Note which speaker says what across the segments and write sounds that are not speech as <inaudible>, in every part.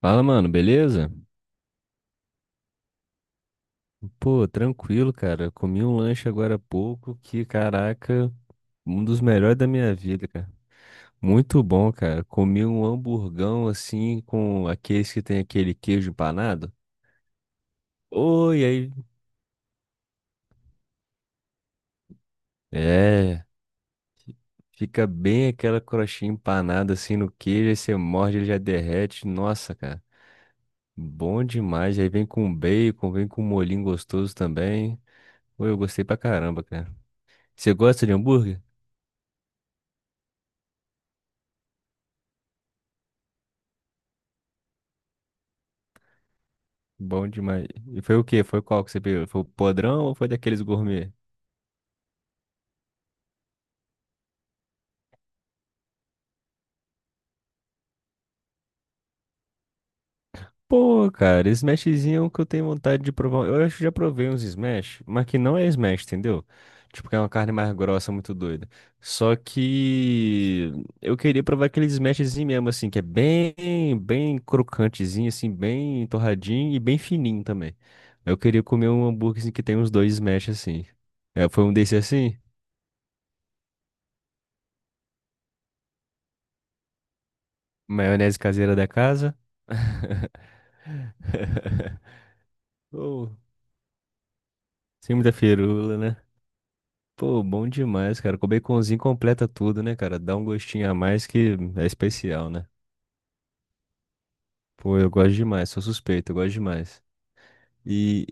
Speaker 1: Fala, mano, beleza? Pô, tranquilo, cara. Eu comi um lanche agora há pouco que, caraca, um dos melhores da minha vida, cara. Muito bom, cara. Comi um hamburgão assim com aqueles que tem aquele queijo empanado. Oi, aí. É, fica bem aquela crostinha empanada assim no queijo, aí você morde, ele já derrete. Nossa, cara. Bom demais. Aí vem com bacon, vem com molhinho gostoso também. Pô, eu gostei pra caramba, cara. Você gosta de hambúrguer? Bom demais. E foi o quê? Foi qual que você pegou? Foi o podrão ou foi daqueles gourmet? Pô, cara, smashzinho que eu tenho vontade de provar. Eu acho que já provei uns smash, mas que não é smash, entendeu? Tipo, que é uma carne mais grossa, muito doida. Só que eu queria provar aquele smashzinho mesmo, assim, que é bem, bem crocantezinho, assim, bem torradinho e bem fininho também. Eu queria comer um hambúrguer assim, que tem uns dois smash, assim. É, foi um desse assim? Maionese caseira da casa? <laughs> Pô, sem muita firula, né? Pô, bom demais, cara. Com baconzinho completa tudo, né, cara? Dá um gostinho a mais que é especial, né? Pô, eu gosto demais, sou suspeito, eu gosto demais. E,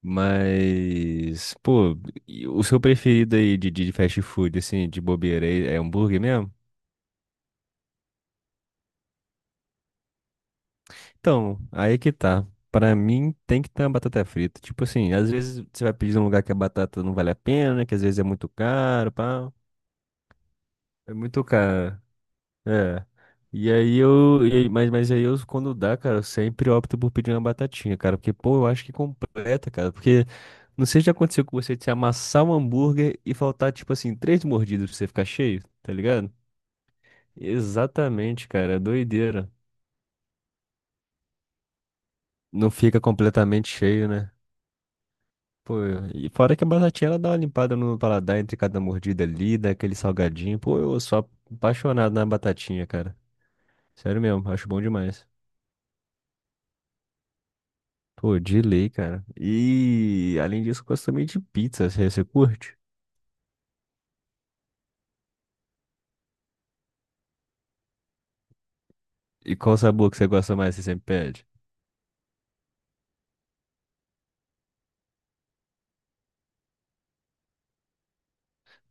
Speaker 1: mas, pô, e o seu preferido aí de fast food, assim, de bobeira, é hambúrguer mesmo? Então, aí que tá. Pra mim, tem que ter uma batata frita. Tipo assim, às vezes você vai pedir num lugar que a batata não vale a pena, que às vezes é muito caro, pá. É muito caro. É. E aí eu. E aí- Mas, aí eu, quando dá, cara, eu sempre opto por pedir uma batatinha, cara. Porque, pô, eu acho que completa, cara. Porque não sei se já aconteceu com você de você amassar um hambúrguer e faltar, tipo assim, três mordidas pra você ficar cheio, tá ligado? Exatamente, cara. É doideira. Não fica completamente cheio, né? Pô, e fora que a batatinha ela dá uma limpada no paladar entre cada mordida ali, dá aquele salgadinho. Pô, eu sou apaixonado na batatinha, cara. Sério mesmo, acho bom demais. Pô, de lei, cara. E além disso, eu gosto também de pizza. Você, você curte? E qual sabor que você gosta mais? Você sempre pede?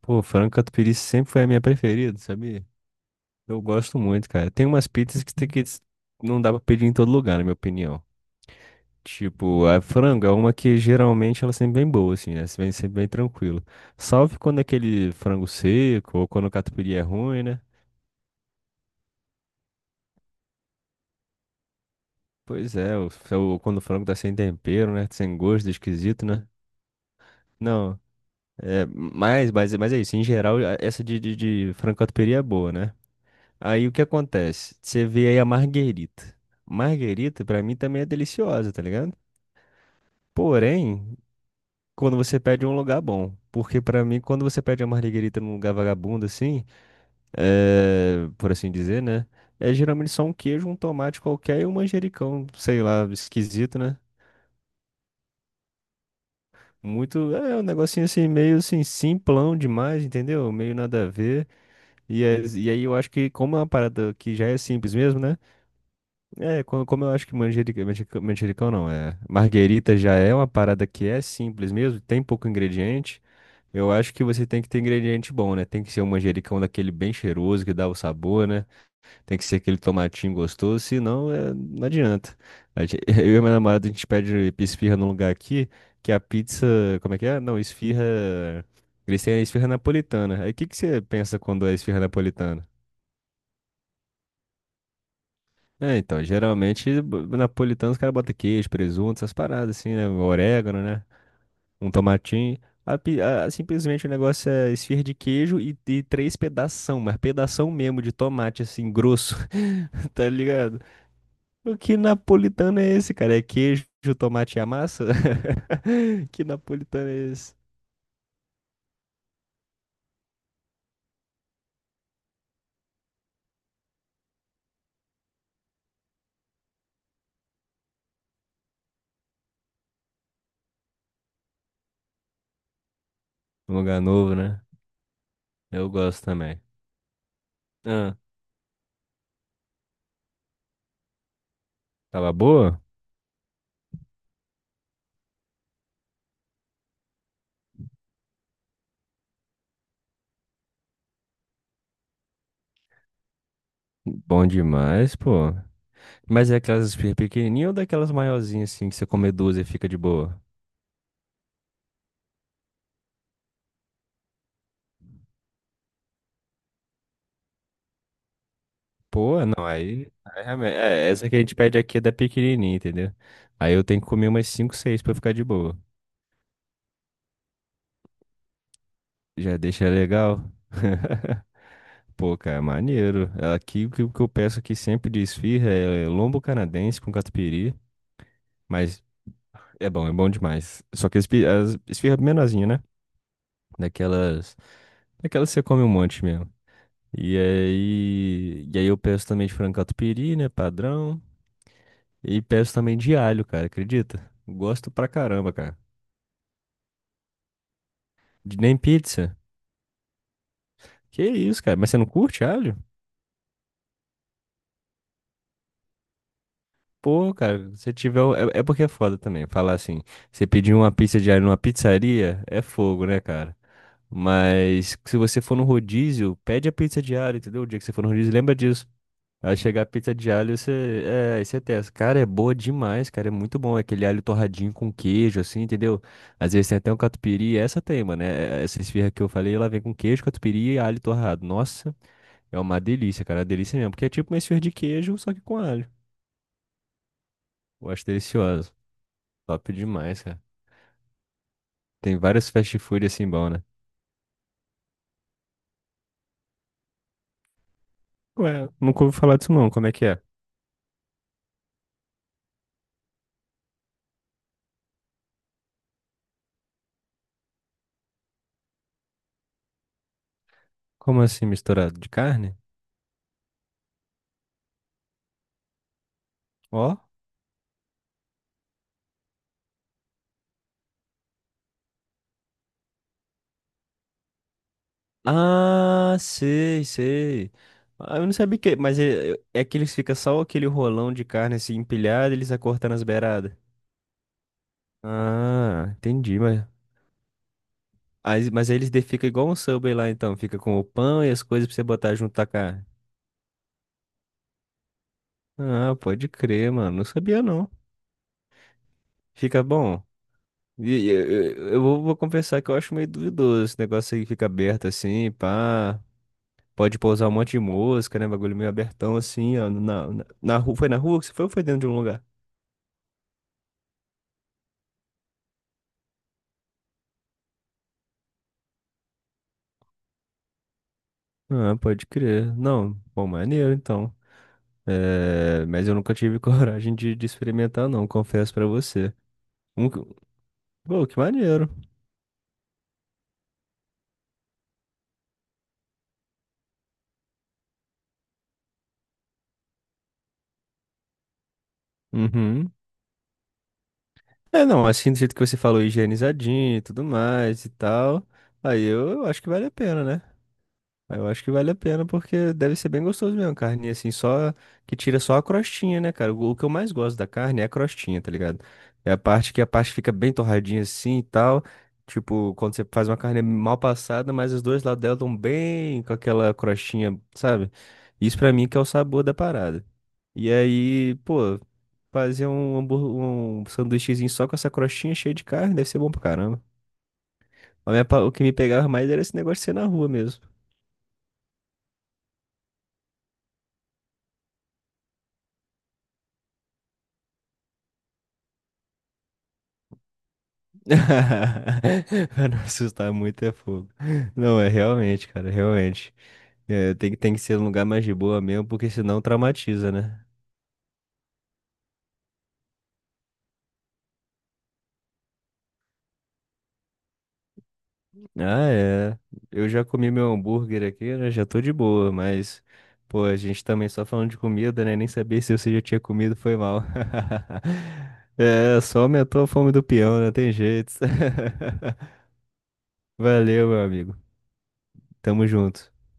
Speaker 1: Pô, frango catupiry sempre foi a minha preferida, sabia? Eu gosto muito, cara. Tem umas pizzas que tem que não dá pra pedir em todo lugar, na minha opinião. Tipo, a frango é uma que geralmente ela é sempre bem boa, assim, né? Você vem sempre bem tranquilo. Salve quando é aquele frango seco ou quando o catupiry é ruim, né? Pois é, quando o frango tá sem tempero, né? Sem gosto, esquisito, né? Não, é, mas é isso, em geral, essa de frango-catupiry é boa, né? Aí o que acontece? Você vê aí a marguerita. Marguerita, pra mim, também é deliciosa, tá ligado? Porém, quando você pede em um lugar bom. Porque pra mim, quando você pede a marguerita num lugar vagabundo, assim, é, por assim dizer, né? É geralmente só um queijo, um tomate qualquer e um manjericão, sei lá, esquisito, né? Muito, é um negocinho assim, meio assim, simplão demais, entendeu? Meio nada a ver. E, e aí eu acho que como é uma parada que já é simples mesmo, né? É, eu acho que manjericão, manjericão, manjericão não, é. Marguerita já é uma parada que é simples mesmo, tem pouco ingrediente. Eu acho que você tem que ter ingrediente bom, né? Tem que ser um manjericão daquele bem cheiroso que dá o sabor, né? Tem que ser aquele tomatinho gostoso, senão é, não adianta. <laughs> Eu e minha namorada, a gente pede esfirra num lugar aqui, que a pizza, como é que é? Não, esfirra, eles têm a esfirra napolitana. Aí o que que você pensa quando é esfirra napolitana? É, então, geralmente napolitano os caras botam queijo, presunto, essas paradas assim, né? Orégano, né? Um tomatinho. Simplesmente o negócio é esfirra de queijo e três pedação, mas pedação mesmo de tomate, assim, grosso, <laughs> tá ligado? O que napolitano é esse, cara? É queijo, tomate e a massa? <laughs> Que napolitano é esse? Um lugar novo, né? Eu gosto também. Ah, tava boa? Bom demais, pô. Mas é aquelas esfirras pequenininhas ou daquelas maiorzinhas assim que você come duas e fica de boa? Pô, não, é, essa que a gente pede aqui é da pequenininha, entendeu? Aí eu tenho que comer umas cinco, seis pra ficar de boa. Já deixa legal? <laughs> Pô, cara, maneiro. Aqui o que eu peço aqui sempre de esfirra é lombo canadense com catupiry, mas é bom demais. Só que as esfirra menorzinha, né? Daquelas, daquelas que você come um monte mesmo. E aí eu peço também de frango catupiry, né, padrão. E peço também de alho, cara, acredita? Gosto pra caramba, cara. De nem pizza. Que isso, cara? Mas você não curte alho? Pô, cara, se tiver. É, é porque é foda também. Falar assim, você pedir uma pizza de alho numa pizzaria é fogo, né, cara? Mas se você for no rodízio, pede a pizza de alho, entendeu? O dia que você for no rodízio, lembra disso. Aí chegar a pizza de alho, você, é, aí você testa. Cara, é boa demais, cara. É muito bom. É aquele alho torradinho com queijo, assim, entendeu? Às vezes tem até um catupiry. Essa tem, mano. Essa esfirra que eu falei, ela vem com queijo, catupiry e alho torrado. Nossa, é uma delícia, cara. É uma delícia mesmo. Porque é tipo uma esfirra de queijo, só que com alho. Eu acho delicioso. Top demais, cara. Tem vários fast food assim bom, né? Ué, nunca ouvi falar disso não. Como é que é? Como assim, misturado de carne? Ó. Ah, sei, sei. Ah, eu não sabia que, mas é, é que eles ficam só aquele rolão de carne assim empilhado, e eles acortando as beiradas. Ah, entendi, mas aí eles fica igual um Subway lá então, fica com o pão e as coisas pra você botar junto a carne. Ah, pode crer, mano, não sabia não. Fica bom. Eu, eu vou, vou confessar que eu acho meio duvidoso esse negócio aí que fica aberto assim, pá. Pode pousar um monte de mosca, né? Bagulho meio abertão assim, ó. Na rua, foi na rua que você foi ou foi dentro de um lugar? Ah, pode crer. Não, bom, maneiro então. É, mas eu nunca tive <laughs> coragem de experimentar, não, confesso pra você. Um, pô, que maneiro. Uhum. É, não, assim, do jeito que você falou, higienizadinho e tudo mais e tal. Aí eu acho que vale a pena, né? Mas eu acho que vale a pena porque deve ser bem gostoso mesmo, carne assim, só que tira só a crostinha, né, cara? O que eu mais gosto da carne é a crostinha, tá ligado? É a parte que a parte fica bem torradinha assim e tal. Tipo, quando você faz uma carne mal passada, mas os dois lados dela estão bem com aquela crostinha, sabe? Isso pra mim que é o sabor da parada. E aí, pô, fazer um, hambúrguer, um sanduíchezinho só com essa crostinha cheia de carne deve ser bom pra caramba. O que me pegava mais era esse negócio de ser na rua mesmo. <laughs> Pra não assustar muito é fogo. Não, é realmente, cara, realmente. É, tem, tem que ser um lugar mais de boa mesmo, porque senão traumatiza, né? Ah, é. Eu já comi meu hambúrguer aqui, né? Já tô de boa, mas, pô, a gente também só falando de comida, né? Nem sabia se você já tinha comido, foi mal. <laughs> É, só aumentou a fome do peão, não tem jeito. <laughs> Valeu, meu amigo. Tamo junto.